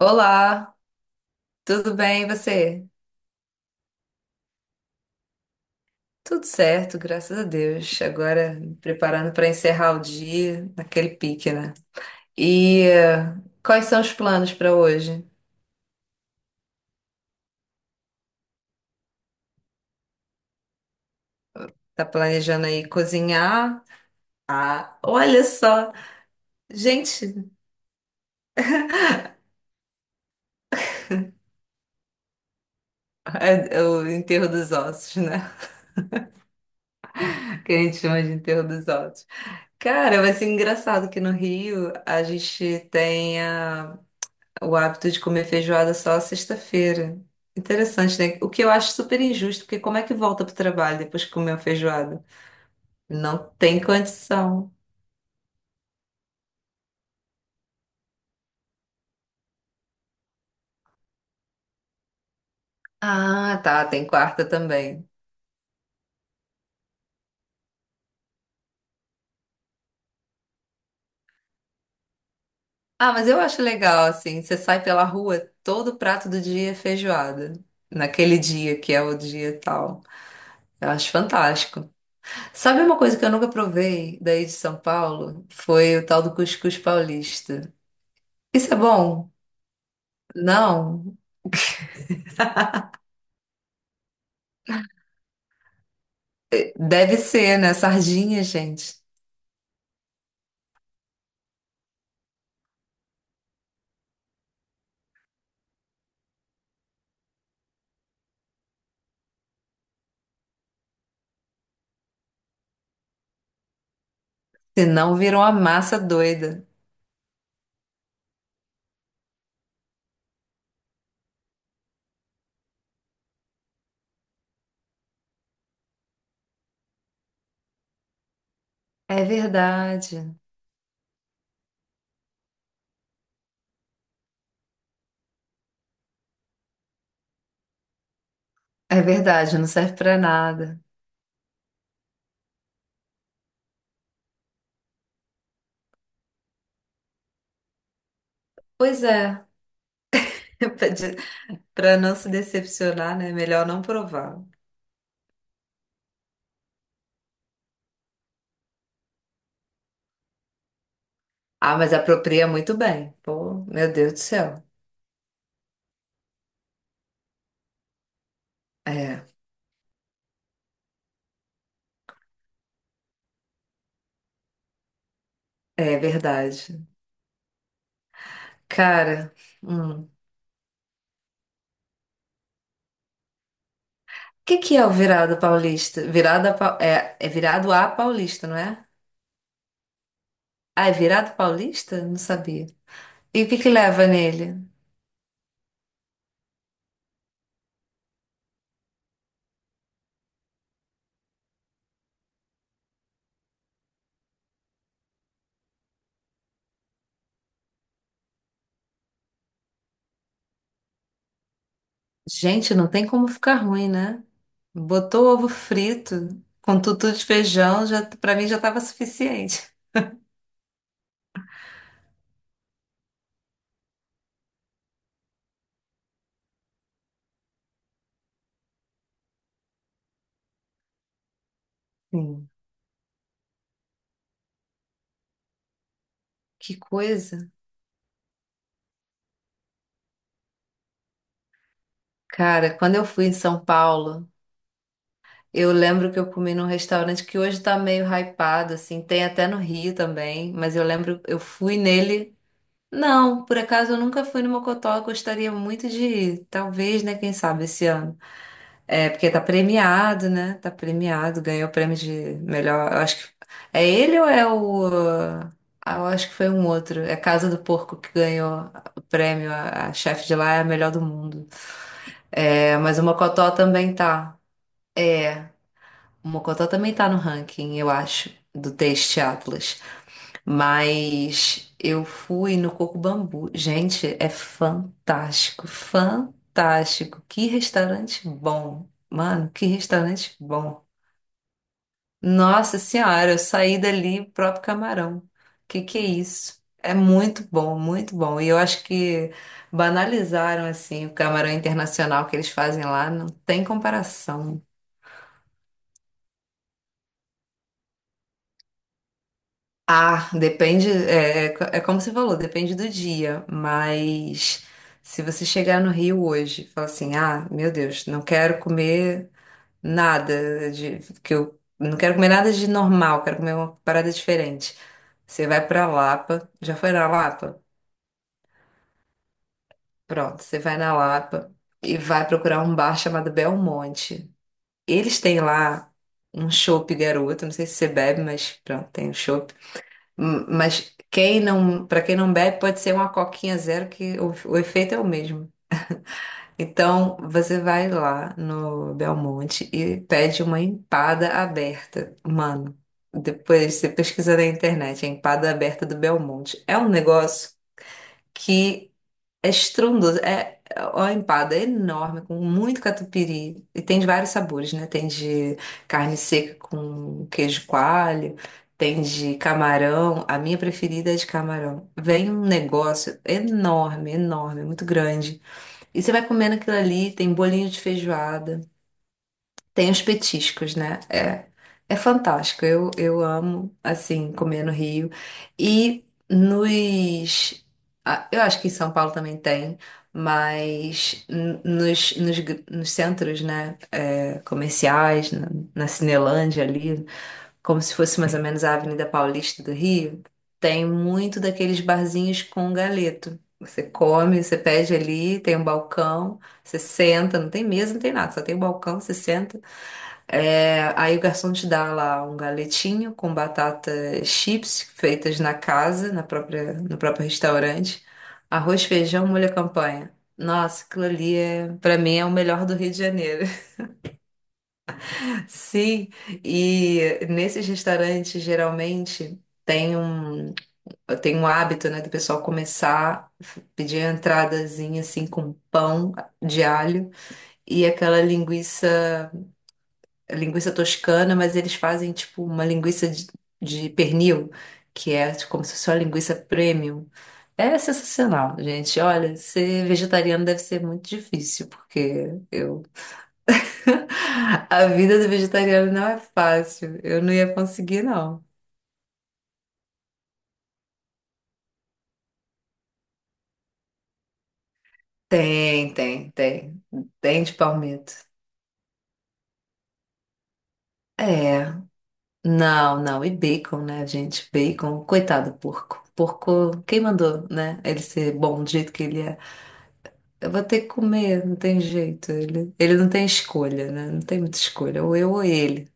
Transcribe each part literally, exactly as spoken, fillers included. Olá, tudo bem e você? Tudo certo, graças a Deus. Agora me preparando para encerrar o dia naquele pique, né? E eh, quais são os planos para hoje? Tá planejando aí cozinhar? Ah, olha só! Gente, é é o enterro dos ossos, né? Que a gente chama de enterro dos ossos. Cara, vai ser engraçado que no Rio a gente tenha o hábito de comer feijoada só à sexta-feira. Interessante, né? O que eu acho super injusto, porque como é que volta pro trabalho depois que comeu feijoada? Não tem condição. Ah, tá, tem quarta também. Ah, mas eu acho legal, assim, você sai pela rua, todo prato do dia é feijoada. Naquele dia que é o dia tal. Eu acho fantástico. Sabe uma coisa que eu nunca provei daí de São Paulo? Foi o tal do cuscuz paulista. Isso é bom? Não? Deve ser, né? Sardinha, gente. Senão viram uma massa doida. É verdade. É verdade, não serve pra nada. Pois é. Pra de- Pra não se decepcionar, né? Melhor não provar. Ah, mas apropria muito bem. Pô, meu Deus do céu. É, é verdade. Cara, hum. o que que é o virado paulista? Virada pa- é, é virado a paulista, não é? Ah, é virado paulista? Não sabia. E o que que leva nele? Gente, não tem como ficar ruim, né? Botou ovo frito com tutu de feijão, já para mim já estava suficiente. Sim. Que coisa. Cara, quando eu fui em São Paulo, eu lembro que eu comi num restaurante que hoje tá meio hypado, assim, tem até no Rio também, mas eu lembro, eu fui nele. Não, por acaso eu nunca fui no Mocotó, eu gostaria muito de ir. Talvez, né? Quem sabe esse ano. É, porque tá premiado, né? Tá premiado, ganhou o prêmio de melhor. Eu acho que. É ele ou é o. Ah, eu acho que foi um outro. É Casa do Porco que ganhou o prêmio. A, a chefe de lá é a melhor do mundo. É, mas o Mocotó também tá. É, o Mocotó também tá no ranking, eu acho, do Taste Atlas. Mas eu fui no Coco Bambu. Gente, é fantástico, fantástico. Que restaurante bom. Mano, que restaurante bom. Nossa senhora, eu saí dali próprio camarão. Que que é isso? É muito bom, muito bom. E eu acho que banalizaram assim o camarão internacional que eles fazem lá, não tem comparação. Ah, depende, é, é co- é como você falou, depende do dia, mas se você chegar no Rio hoje e falar assim, ah, meu Deus, não quero comer nada, de que eu não quero comer nada de normal, quero comer uma parada diferente. Você vai pra Lapa, já foi na Lapa? Pronto, você vai na Lapa e vai procurar um bar chamado Belmonte. Eles têm lá um chopp garoto, não sei se você bebe, mas pronto, tem um chopp. Hum, Mas quem não, para quem não bebe, pode ser uma coquinha zero, que o, o efeito é o mesmo. Então, você vai lá no Belmonte e pede uma empada aberta. Mano, depois você pesquisa na internet, a empada aberta do Belmonte. É um negócio que é estrondoso. É é uma empada enorme, com muito catupiry. E tem de vários sabores, né? Tem de carne seca com queijo coalho, tem de camarão. A minha preferida é de camarão. Vem um negócio enorme, enorme, muito grande. E você vai comendo aquilo ali, tem bolinho de feijoada, tem os petiscos, né? É, é fantástico. Eu, eu amo, assim, comer no Rio. E nos. ah, Eu acho que em São Paulo também tem, mas n- nos, nos, gr- nos centros, né? É, comerciais, na, na Cinelândia ali como se fosse mais ou menos a Avenida Paulista do Rio, tem muito daqueles barzinhos com galeto. Você come, você pede ali, tem um balcão, você senta, não tem mesa, não tem nada, só tem um balcão, você senta. É, aí o garçom te dá lá um galetinho com batatas chips feitas na casa, na própria, no próprio restaurante, arroz, feijão, molho à campanha. Nossa, aquilo ali é, para mim é o melhor do Rio de Janeiro. Sim, e nesses restaurantes geralmente tem um, tem um hábito, né, do pessoal começar a pedir a entradazinha assim com pão de alho e aquela linguiça, linguiça toscana, mas eles fazem tipo uma linguiça de, de pernil, que é tipo, como se fosse uma linguiça premium. É sensacional, gente. Olha, ser vegetariano deve ser muito difícil, porque eu A vida do vegetariano não é fácil. Eu não ia conseguir, não. Tem, tem, tem. Tem de palmito. É. Não, não. E bacon, né, gente? Bacon. Coitado do porco. Porco, quem mandou, né? Ele ser bom do jeito que ele é. Eu vou ter que comer, não tem jeito. Ele, ele não tem escolha, né? Não tem muita escolha. Ou eu ou ele.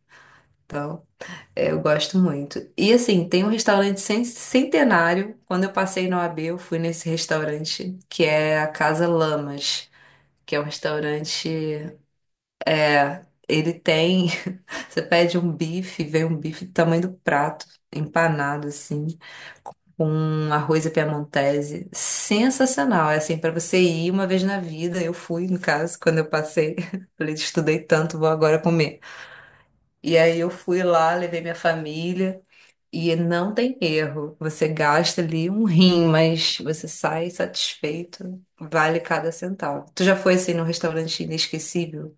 Então. É. Eu gosto muito. E assim, tem um restaurante cen- centenário. Quando eu passei na O A B, eu fui nesse restaurante, que é a Casa Lamas, que é um restaurante. É, ele tem. Você pede um bife, vem um bife do tamanho do prato, empanado, assim, com um arroz à piamontese. Sensacional. É assim, para você ir uma vez na vida. Eu fui, no caso, quando eu passei. Falei, estudei tanto, vou agora comer. E aí eu fui lá, levei minha família. E não tem erro. Você gasta ali um rim, mas você sai satisfeito. Vale cada centavo. Tu já foi assim num restaurante inesquecível?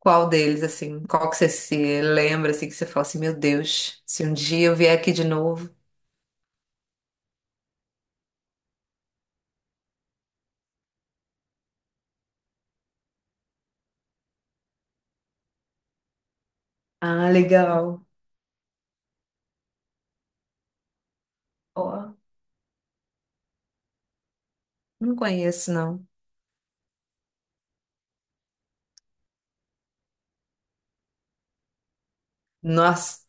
Qual deles, assim? Qual que você se lembra, assim, que você fala assim, meu Deus, se um dia eu vier aqui de novo. Ah, legal. Ó, não conheço, não. Nossa,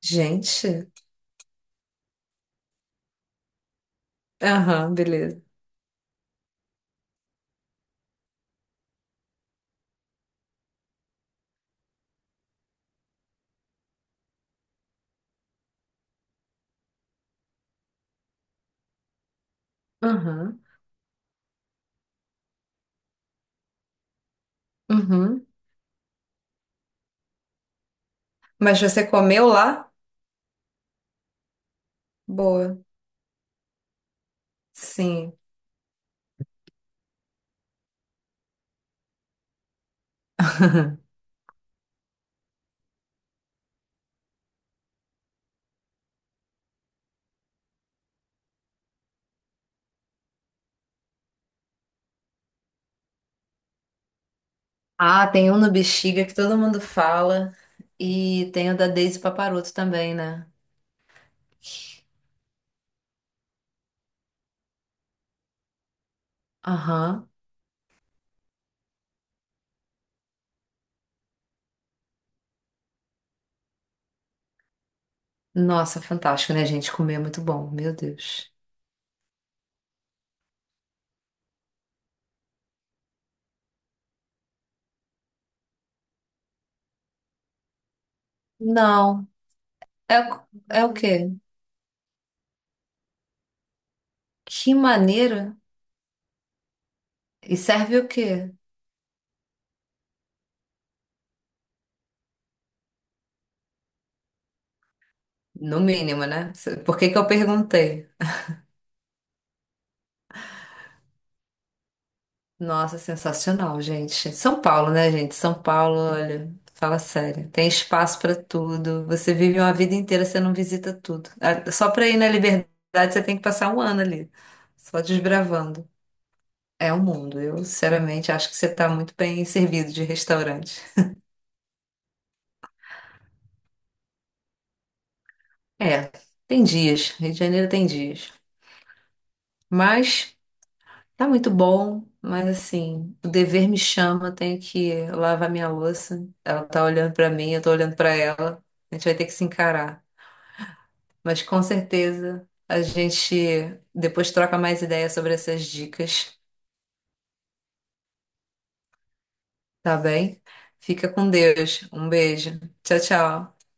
gente. Aham, beleza. Aham, uhum. Mas você comeu lá? Boa. Sim. Ah, tem um no Bexiga que todo mundo fala. E tem o da Deise Paparoto também, né? Aham. Nossa, fantástico, né, gente? Comer é muito bom, meu Deus. Não. É, o- é o quê? Que maneira? E serve o quê? No mínimo, né? Por que que eu perguntei? Nossa, sensacional, gente. São Paulo, né, gente? São Paulo, olha, fala sério. Tem espaço pra tudo. Você vive uma vida inteira, você não visita tudo. Ah, só pra ir na Liberdade, você tem que passar um ano ali, só desbravando. É o mundo. Eu, sinceramente, acho que você tá muito bem servido de restaurante. É, tem dias. Rio de Janeiro tem dias. Mas. Tá muito bom, mas assim, o dever me chama, eu tenho que lavar minha louça. Ela tá olhando pra mim, eu tô olhando pra ela. A gente vai ter que se encarar. Mas com certeza a gente depois troca mais ideias sobre essas dicas, tá bem? Fica com Deus. Um beijo. Tchau, tchau.